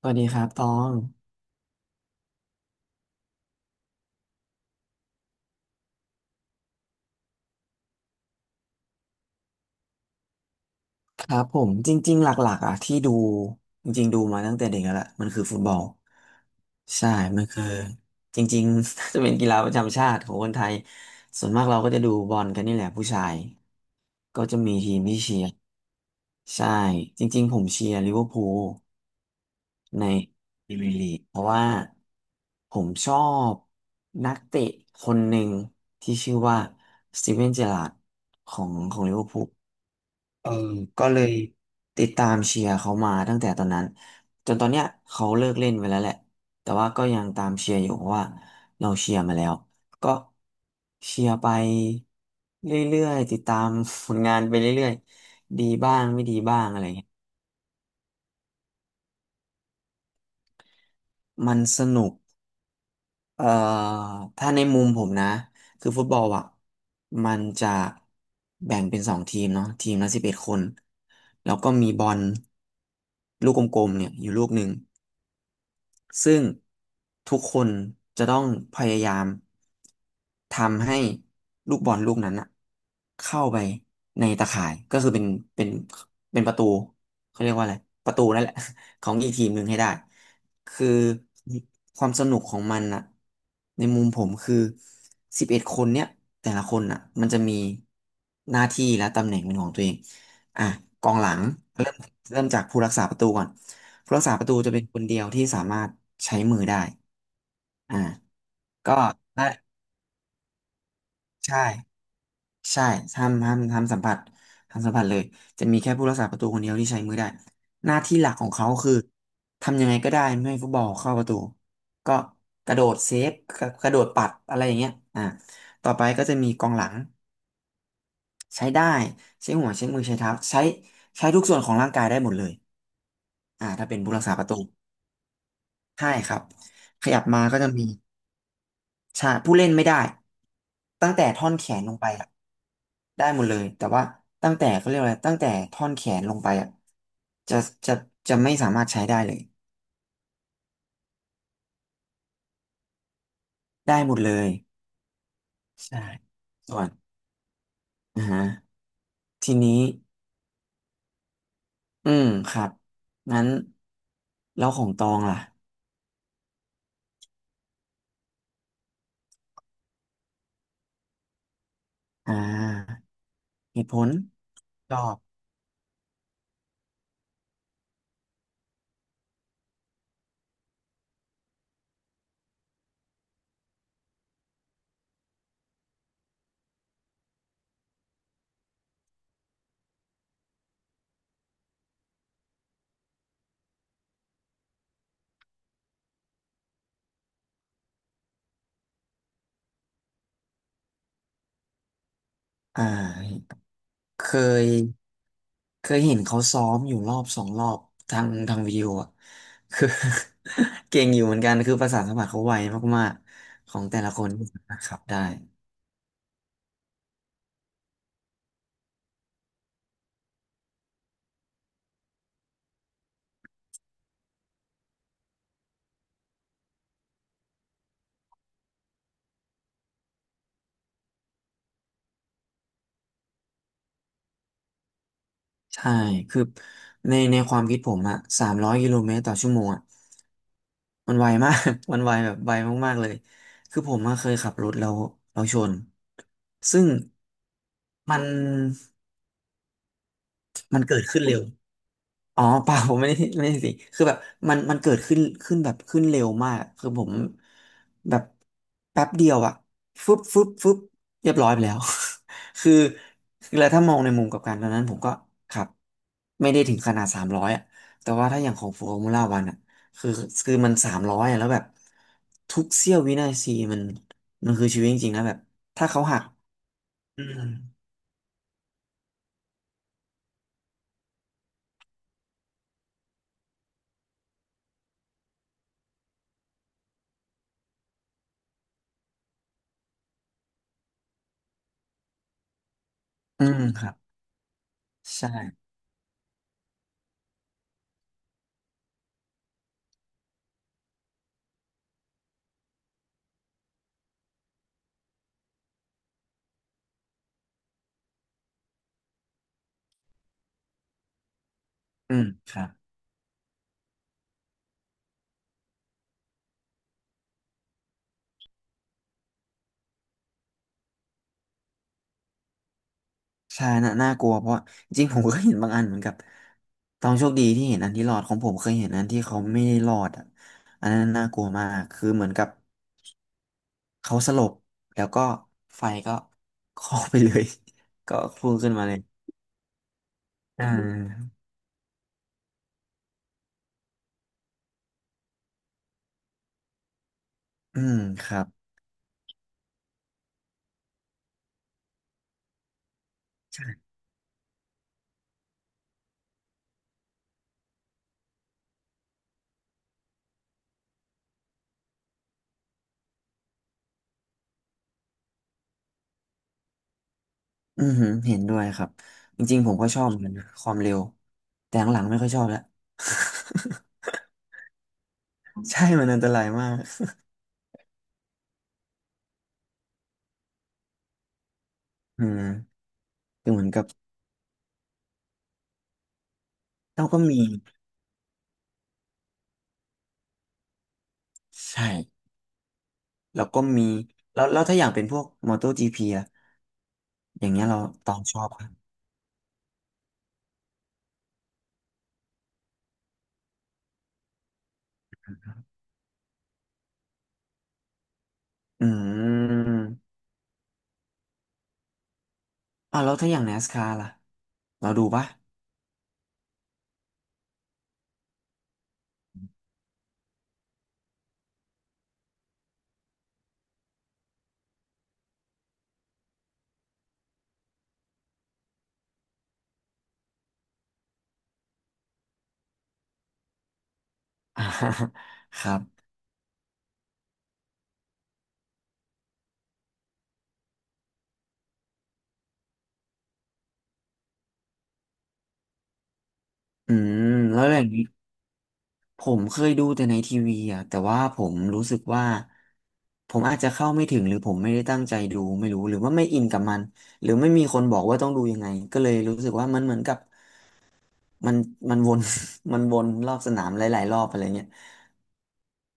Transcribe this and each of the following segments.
สวัสดีครับตองครับผมจริงๆหลักๆอ่ะที่ดูจริงๆดูมาตั้งแต่เด็กแล้วล่ะมันคือฟุตบอลใช่มันคือจริงๆ จะเป็นกีฬาประจำชาติของคนไทยส่วนมากเราก็จะดูบอลกันนี่แหละผู้ชายก็จะมีทีมที่เชียร์ใช่จริงๆผมเชียร์ลิเวอร์พูลในพรีเมียร์ลีกเพราะว่าผมชอบนักเตะคนหนึ่งที่ชื่อว่าสตีเวนเจอราร์ดของลิเวอร์พูล เออก็เลยติดตามเชียร์เขามาตั้งแต่ตอนนั้นจนตอนเนี้ยเขาเลิกเล่นไปแล้วแหละแต่ว่าก็ยังตามเชียร์อยู่เพราะว่าเราเชียร์มาแล้วก็เชียร์ไปเรื่อยๆติดตามผลงานไปเรื่อยๆดีบ้างไม่ดีบ้างอะไรเงี้ยมันสนุกเอ่อถ้าในมุมผมนะคือฟุตบอลอ่ะมันจะแบ่งเป็นสองทีมเนาะทีมละสิบเอ็ดคนแล้วก็มีบอลลูกกลมๆเนี่ยอยู่ลูกหนึ่ง ซึ่งทุกคนจะต้องพยายามทำให้ลูกบอลลูกนั้นอะเข้าไปในตาข่ายก็คือเป็นเป็นประตูเขาเรียกว่าอะไรประตูนั่นแหละ ของอีกทีมหนึ่งให้ได้คือความสนุกของมันอะในมุมผมคือสิบเอ็ดคนเนี่ยแต่ละคนอะมันจะมีหน้าที่และตำแหน่งเป็นของตัวเองอ่ะกองหลังเริ่มเริ่มจากผู้รักษาประตูก่อน ผู้รักษาประตูจะเป็นคนเดียวที่สามารถใช้มือได้อ่าก็ได้ใช่ใช่ห้ามสัมผัสห้ามสัมผัสเลย จะมีแค่ผู้รักษาประตูคนเดียวที่ใช้มือได้หน้าที่หลักของเขาคือทำยังไงก็ได้ไม่ให้ฟุตบอลเข้าประตูก็กระโดดเซฟกระโดดปัดอะไรอย่างเงี้ยอ่าต่อไปก็จะมีกองหลังใช้ได้ใช้หัวใช้มือใช้เท้าใช้ใช้ทุกส่วนของร่างกายได้หมดเลยถ้าเป็นผู้รักษาประตูใช่ครับขยับมาก็จะมี ใช่ผู้เล่นไม่ได้ตั้งแต่ท่อนแขนลงไปอะได้หมดเลยแต่ว่าตั้งแต่เขาเรียกอะไรตั้งแต่ท่อนแขนลงไปอะจะจะจะไม่สามารถใช้ได้เลยได้หมดเลยใช่ส่วนอ่าฮะทีนี้อืมครับงั้นแล้วของตองล่ะอ่าเหตุผลตอบอ่า เคยเคยเห็นเขาซ้อมอยู่รอบสองรอบทางทางวิดีโออ่ะคือ เก่งอยู่เหมือนกันคือประสานสัมผัสเขาไวมากๆของแต่ละคนที่สามารถขับได้ใช่คือในความคิดผมอะ300 กิโลเมตรต่อชั่วโมงอะมันไวมาก มันไวแบบไวมากๆเลยคือผมอะเคยขับรถแล้วเราชนซึ่งมันมันเกิดขึ้นเร็ว อ๋อเปล่าผมไม่ได้สิคือแบบมันเกิดขึ้นแบบขึ้นเร็วมากคือผมแบบแป๊บเดียวอะฟึบฟึบฟึบเรียบร้อยไปแล้ว คือคือแล้วถ้ามองในมุมกลับการตอนนั้นผมก็ขับไม่ได้ถึงขนาดสามร้อยอะแต่ว่าถ้าอย่างของฟอร์มูล่าวันอะคือคือมันสามร้อยอะแล้วแบบทุกเสี้ยววินาทีมันคือชีวิตจริงๆนะแบบถ้าเขาหักอืมอืมครับใช่อืมครับ ใช่น่ากลัวเพราะว่าจริงๆผมก็เห็นบางอันเหมือนกับตองโชคดีที่เห็นอันที่รอดของผมเคยเห็นอันที่เขาไม่ได้รอดอ่ะอันนั้นน่ากลัวมากคือเหมือนกับเขาสลบแล้วก็ไฟก็คลอกไปเลย ก็พุ่งขึ้นมาเลยอ่าอืมครับอือหือเห็นด้วยครับจริงๆผมก็ชอบเหมือนกันนะความเร็วแต่หลังๆไม่ค่อยชอบแล้ว ใช่มันอันตรายมากอืมคือเหมือนกับเราก็มีใช่ แล้วก็มีแล้วถ้าอย่างเป็นพวก MotoGP อะอย่างเงี้ยเราตองชอบครับอืมอ่าวแล้วถ้าอย่าง NASCAR ล่ะเราดูปะอ่า ครับอืมแล้วอย่างนี้ผมเคยดูแต่ในทีวีอ่ะแต่ว่าผมรู้สึกว่าผมอาจจะเข้าไม่ถึงหรือผมไม่ได้ตั้งใจดูไม่รู้หรือว่าไม่อินกับมันหรือไม่มีคนบอกว่าต้องดูยังไงก็เลยรู้สึกว่ามันเหมือนกับมันมันวน มันวนรอบสนามหลายๆรอบอะไรเงี้ย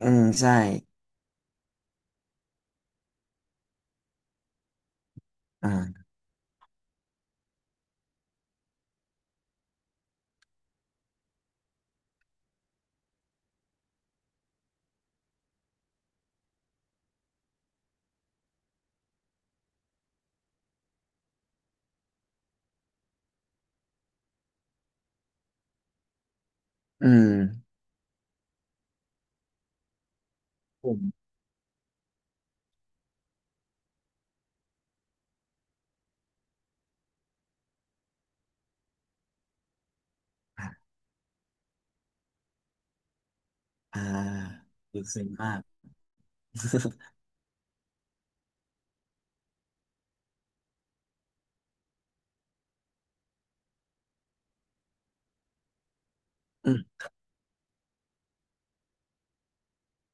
อืมใช่อ่าอืมผม อ่าลึกซึ้งมากอืม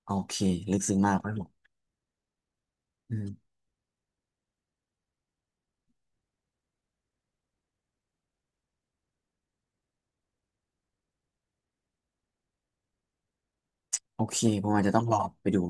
โอเคลึกซึ้งมากครับผมอืมโอเคผมอาจจะต้องลองไปดู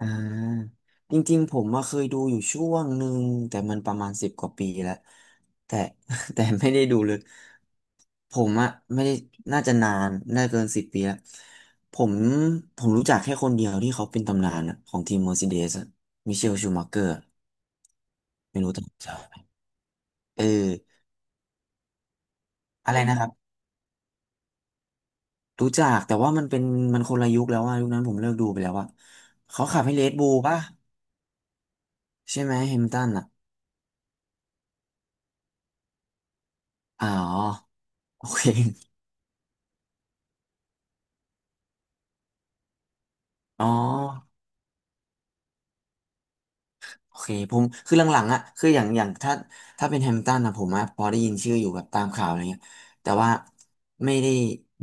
อ่าจริงๆผมมาเคยดูอยู่ช่วงหนึ่งแต่มันประมาณ10 กว่าปีแล้วแต่ แต่ไม่ได้ดูเลยผมอะไม่ได้น่าจะนานน่าเกิน10 ปีแล้วผมผมรู้จักแค่คนเดียวที่เขาเป็นตำนานอะของทีมเมอร์ซิเดสมิเชลชูมัเกอร์ไม่รู้จักไหมเอออะไรนะครับ รู้จักแต่ว่ามันเป็นมันคนละยุคแล้วว่ายุคนั้นผมเลิกดูไปแล้วว่ะเขาขับให้เรดบูลป่ะใช่ไหมแฮมิลตันอะอ๋อโอเคอ๋อโอเคผมคือหลังๆอ่ะคืออย่างถ้าเป็นแฮมป์ตันอะผมอะพอได้ยินชื่ออยู่แบบตามข่าวอะไรเงี้ยแต่ว่าไม่ได้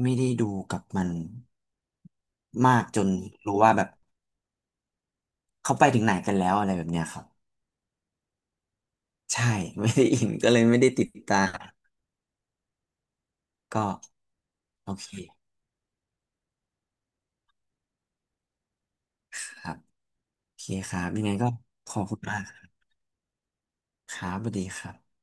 ไม่ได้ดูกับมันมากจนรู้ว่าแบบเขาไปถึงไหนกันแล้วอะไรแบบเนี้ยครับใช่ ไม่ได้อินก็เลยไม่ได้ติดตามก็โอเคครับ โอเคครับยังไงก็ขอบคุณมากครับสวัสดีครับ